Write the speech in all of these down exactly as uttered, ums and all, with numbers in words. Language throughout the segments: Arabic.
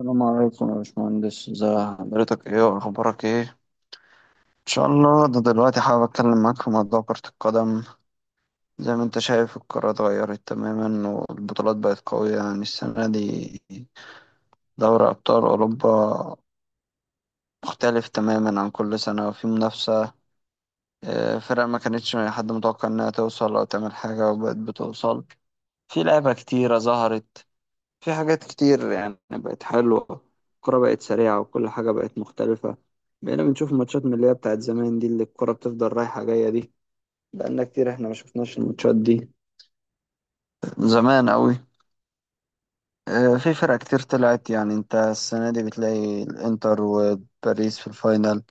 السلام عليكم يا باشمهندس. ازي حضرتك؟ ايه واخبارك ايه؟ ان شاء الله. ده دلوقتي حابب اتكلم معاك في موضوع كرة القدم. زي ما انت شايف، القارة اتغيرت تماما والبطولات بقت قوية، يعني السنة دي دوري ابطال اوروبا مختلف تماما عن كل سنة وفي منافسة. اه، فرق ما كانتش حد متوقع انها توصل او تعمل حاجة وبقت بتوصل. في لعبة كتيرة ظهرت، في حاجات كتير يعني بقت حلوة. الكرة بقت سريعة وكل حاجة بقت مختلفة. بقينا بنشوف ماتشات من اللي هي بتاعت زمان دي، اللي الكرة بتفضل رايحة جاية دي. بقالنا كتير احنا ما شفناش الماتشات دي، زمان أوي. آه، في فرق كتير طلعت. يعني انت السنة دي بتلاقي الانتر وباريس في الفاينل.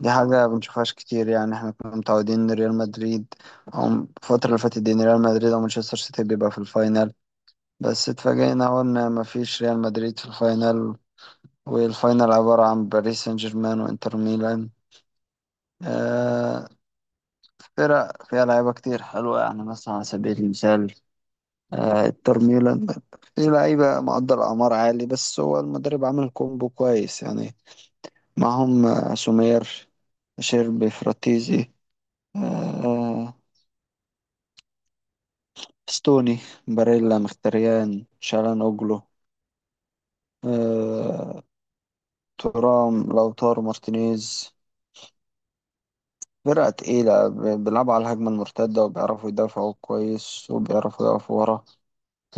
دي حاجة بنشوفهاش كتير. يعني احنا كنا متعودين ان ريال مدريد، او الفترة اللي فاتت دي، ان ريال مدريد او مانشستر سيتي بيبقى في الفاينل. بس اتفاجئنا اول ان مفيش ريال مدريد في الفاينل، والفاينل عبارة عن باريس سان جيرمان وإنتر ميلان. آه فرق فيها لعيبة كتير حلوة. يعني مثلا على سبيل المثال، آه إنتر ميلان فيه لعيبة مقدر أعمار عالي، بس هو المدرب عامل كومبو كويس يعني. معهم آه، سومير، شيربي، فراتيزي، آه ستوني، باريلا، مختريان، شالان أوجلو، آه تورام، لوتارو مارتينيز. فرقة تقيلة ب- بيلعبوا على الهجمة المرتدة، وبيعرفوا يدافعوا كويس وبيعرفوا يقفوا ورا،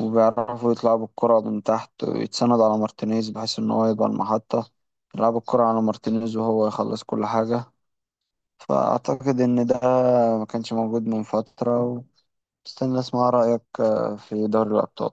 وبيعرفوا يطلعوا بالكرة من تحت ويتسند على مارتينيز، بحيث إن هو يبقى المحطة. يلعبوا الكرة على مارتينيز وهو يخلص كل حاجة. فأعتقد إن ده ما كانش موجود من فترة. واستنى أسمع رأيك آه، في دوري الأبطال.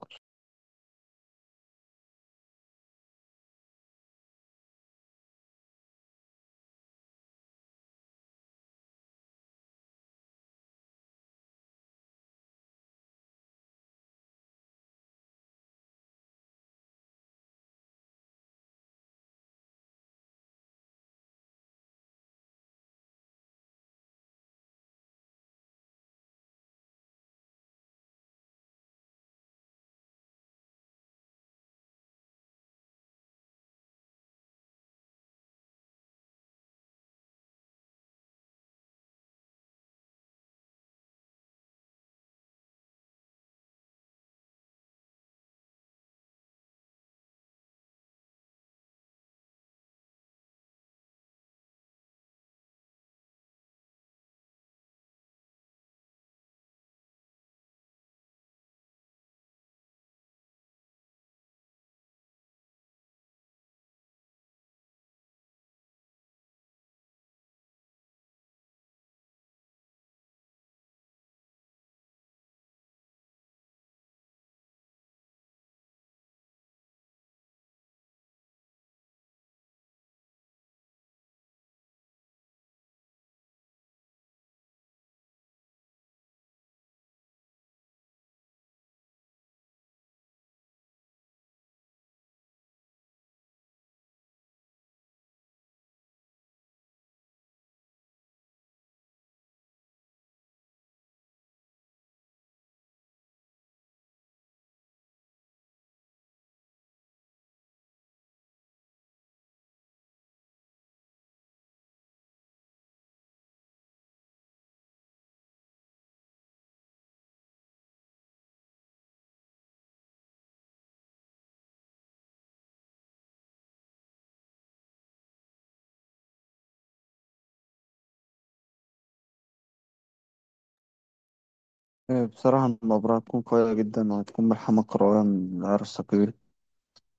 آه، بصراحة المباراة هتكون قوية جدا، وهتكون ملحمة كروية من العيار الثقيل.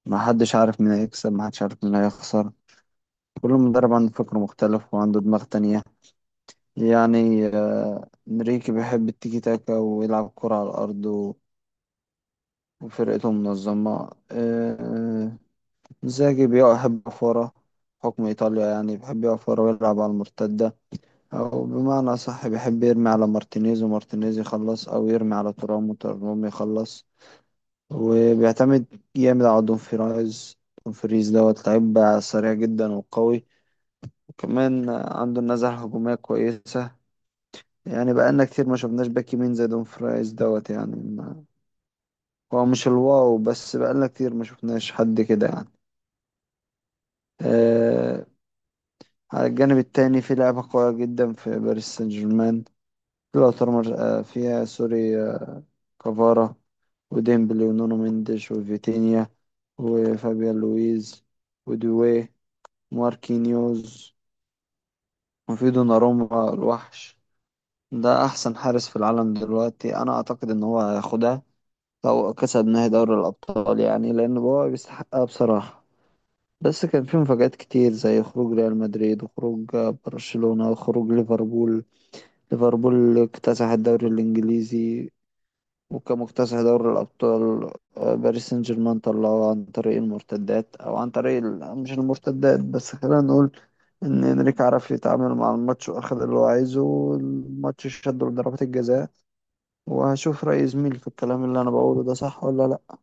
ما حدش عارف مين هيكسب، ما حدش عارف مين هيخسر. كل مدرب عنده فكر مختلف وعنده دماغ تانية. يعني آه، انريكي بيحب التيكي تاكا ويلعب كرة على الأرض، و- وفرقته منظمة. آه، إنزاجي بيقف يحب يقف ورا، حكم إيطاليا يعني بيحب يقف ورا ويلعب على المرتدة. أو بمعنى صح بيحب يرمي على مارتينيز ومارتينيز يخلص، أو يرمي على تورام وتورام يخلص. وبيعتمد جامد على دومفريز. دومفريز دوت لعيب سريع جدا وقوي، وكمان عنده النزعة الهجومية كويسة. يعني بقالنا كتير ما شفناش باك يمين زي دون فرايز دوت. يعني ما هو مش الواو، بس بقالنا كتير ما شفناش حد كده يعني. آه على الجانب التاني في لعبة قوية جدا في باريس سان جيرمان. لوتر مر- آه فيها سوري، آه كفارا وديمبلي ونونو مينديش وفيتينيا وفابيان لويز ودوي، ماركينيوز، وفي دوناروما الوحش. ده أحسن حارس في العالم دلوقتي. أنا أعتقد إن هو هياخدها، أو كسبناه دوري الأبطال يعني، لأن هو بيستحقها بصراحة. بس كان في مفاجآت كتير، زي خروج ريال مدريد وخروج برشلونة وخروج ليفربول. ليفربول اكتسح الدوري الإنجليزي، وكان مكتسح دوري الأبطال. آه، باريس سان جيرمان طلعوه عن طريق المرتدات، أو عن طريق ال- مش المرتدات، بس خلينا نقول إن إنريك عرف يتعامل مع الماتش وأخد اللي هو عايزه، والماتش شده لضربات الجزاء. وهشوف رأي زميلي في الكلام اللي أنا بقوله ده صح ولا لأ.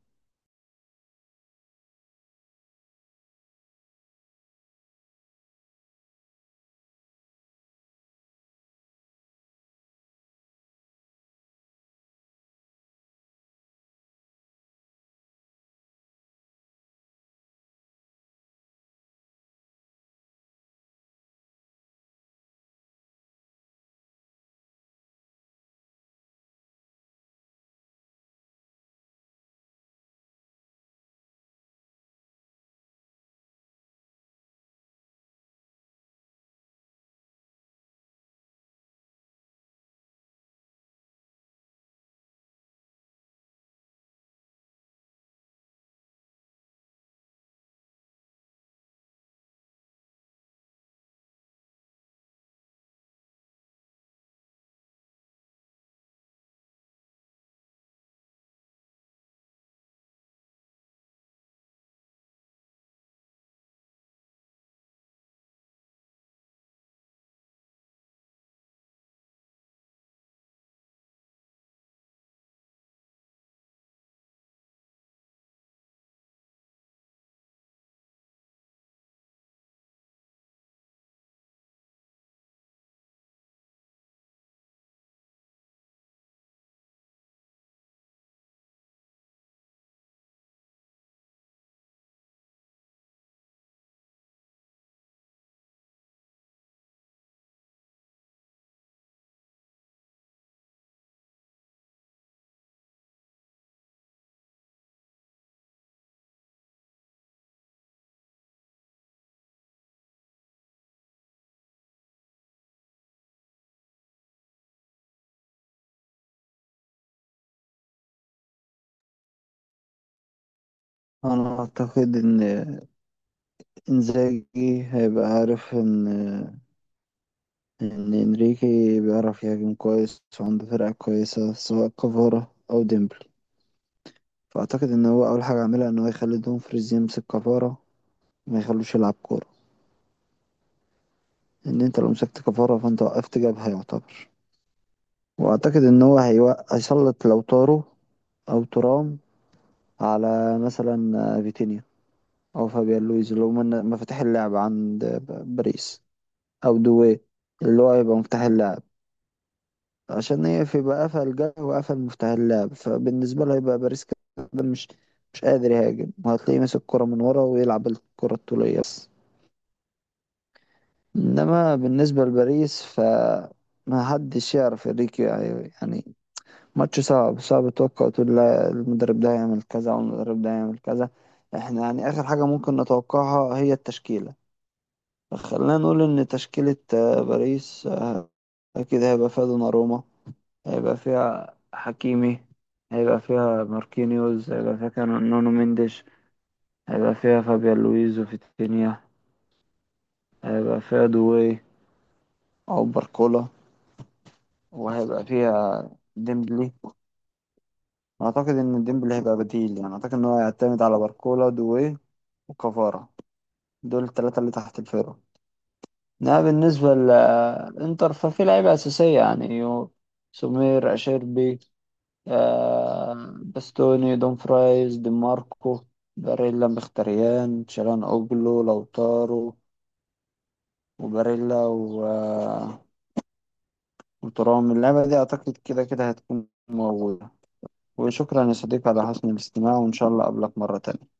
انا اعتقد ان انزاجي هيبقى عارف ان ان انريكي بيعرف يهاجم كويس وعنده فرقة كويسة، سواء كفارة او ديمبلي. فاعتقد ان هو اول حاجة عملها ان هو يخلي دومفريز يمسك كفارة وما يخلوش يلعب كورة. ان انت لو مسكت كفارة فانت وقفت جبهة يعتبر. واعتقد ان هو هيوق- هيسلط لو طارو او ترام على مثلا فيتينيا، او فابيان لويز اللي هو من- مفاتيح اللعب عند باريس، او دوي اللي هو هيبقى مفتاح اللعب، عشان يقفل. يبقى قفل جه وقفل مفتاح اللعب، فبالنسبة له هيبقى باريس كده مش مش قادر يهاجم، وهتلاقيه ماسك الكرة من ورا ويلعب الكرة الطولية بس. إنما بالنسبة لباريس ف، ما حدش يعرف انريكي يعني يعني ماتش صعب. صعب تتوقع تقول لا المدرب ده هيعمل كذا والمدرب ده هيعمل كذا. احنا يعني آخر حاجة ممكن نتوقعها هي التشكيلة. خلينا نقول إن تشكيلة آه، باريس، آه، أكيد هيبقى فيها دوناروما، هيبقى فيها حكيمي، هيبقى فيها ماركينيوز، هيبقى فيها كان- نونو مينديش، هيبقى فيها فابيان لويز وفيتينيا، هيبقى فيها دوي أو باركولا، وهيبقى فيها ديمبلي. أعتقد إن ديمبلي هيبقى بديل. يعني أعتقد إن هو هيعتمد على باركولا، دوي، وكفارة، دول التلاتة اللي تحت الفرقة. إنما بالنسبة لإنتر ففي لعيبة أساسية يعني، يو- سمير، أشيربي، آه باستوني، دون فرايز، دي ماركو، باريلا، مختريان، تشالان اوجلو، لوتارو، وباريلا و... آه، وترام. اللعبة دي اعتقد كده كده هتكون موجودة. وشكرا يا صديقي على حسن الاستماع، وان شاء الله اقابلك مرة تانية.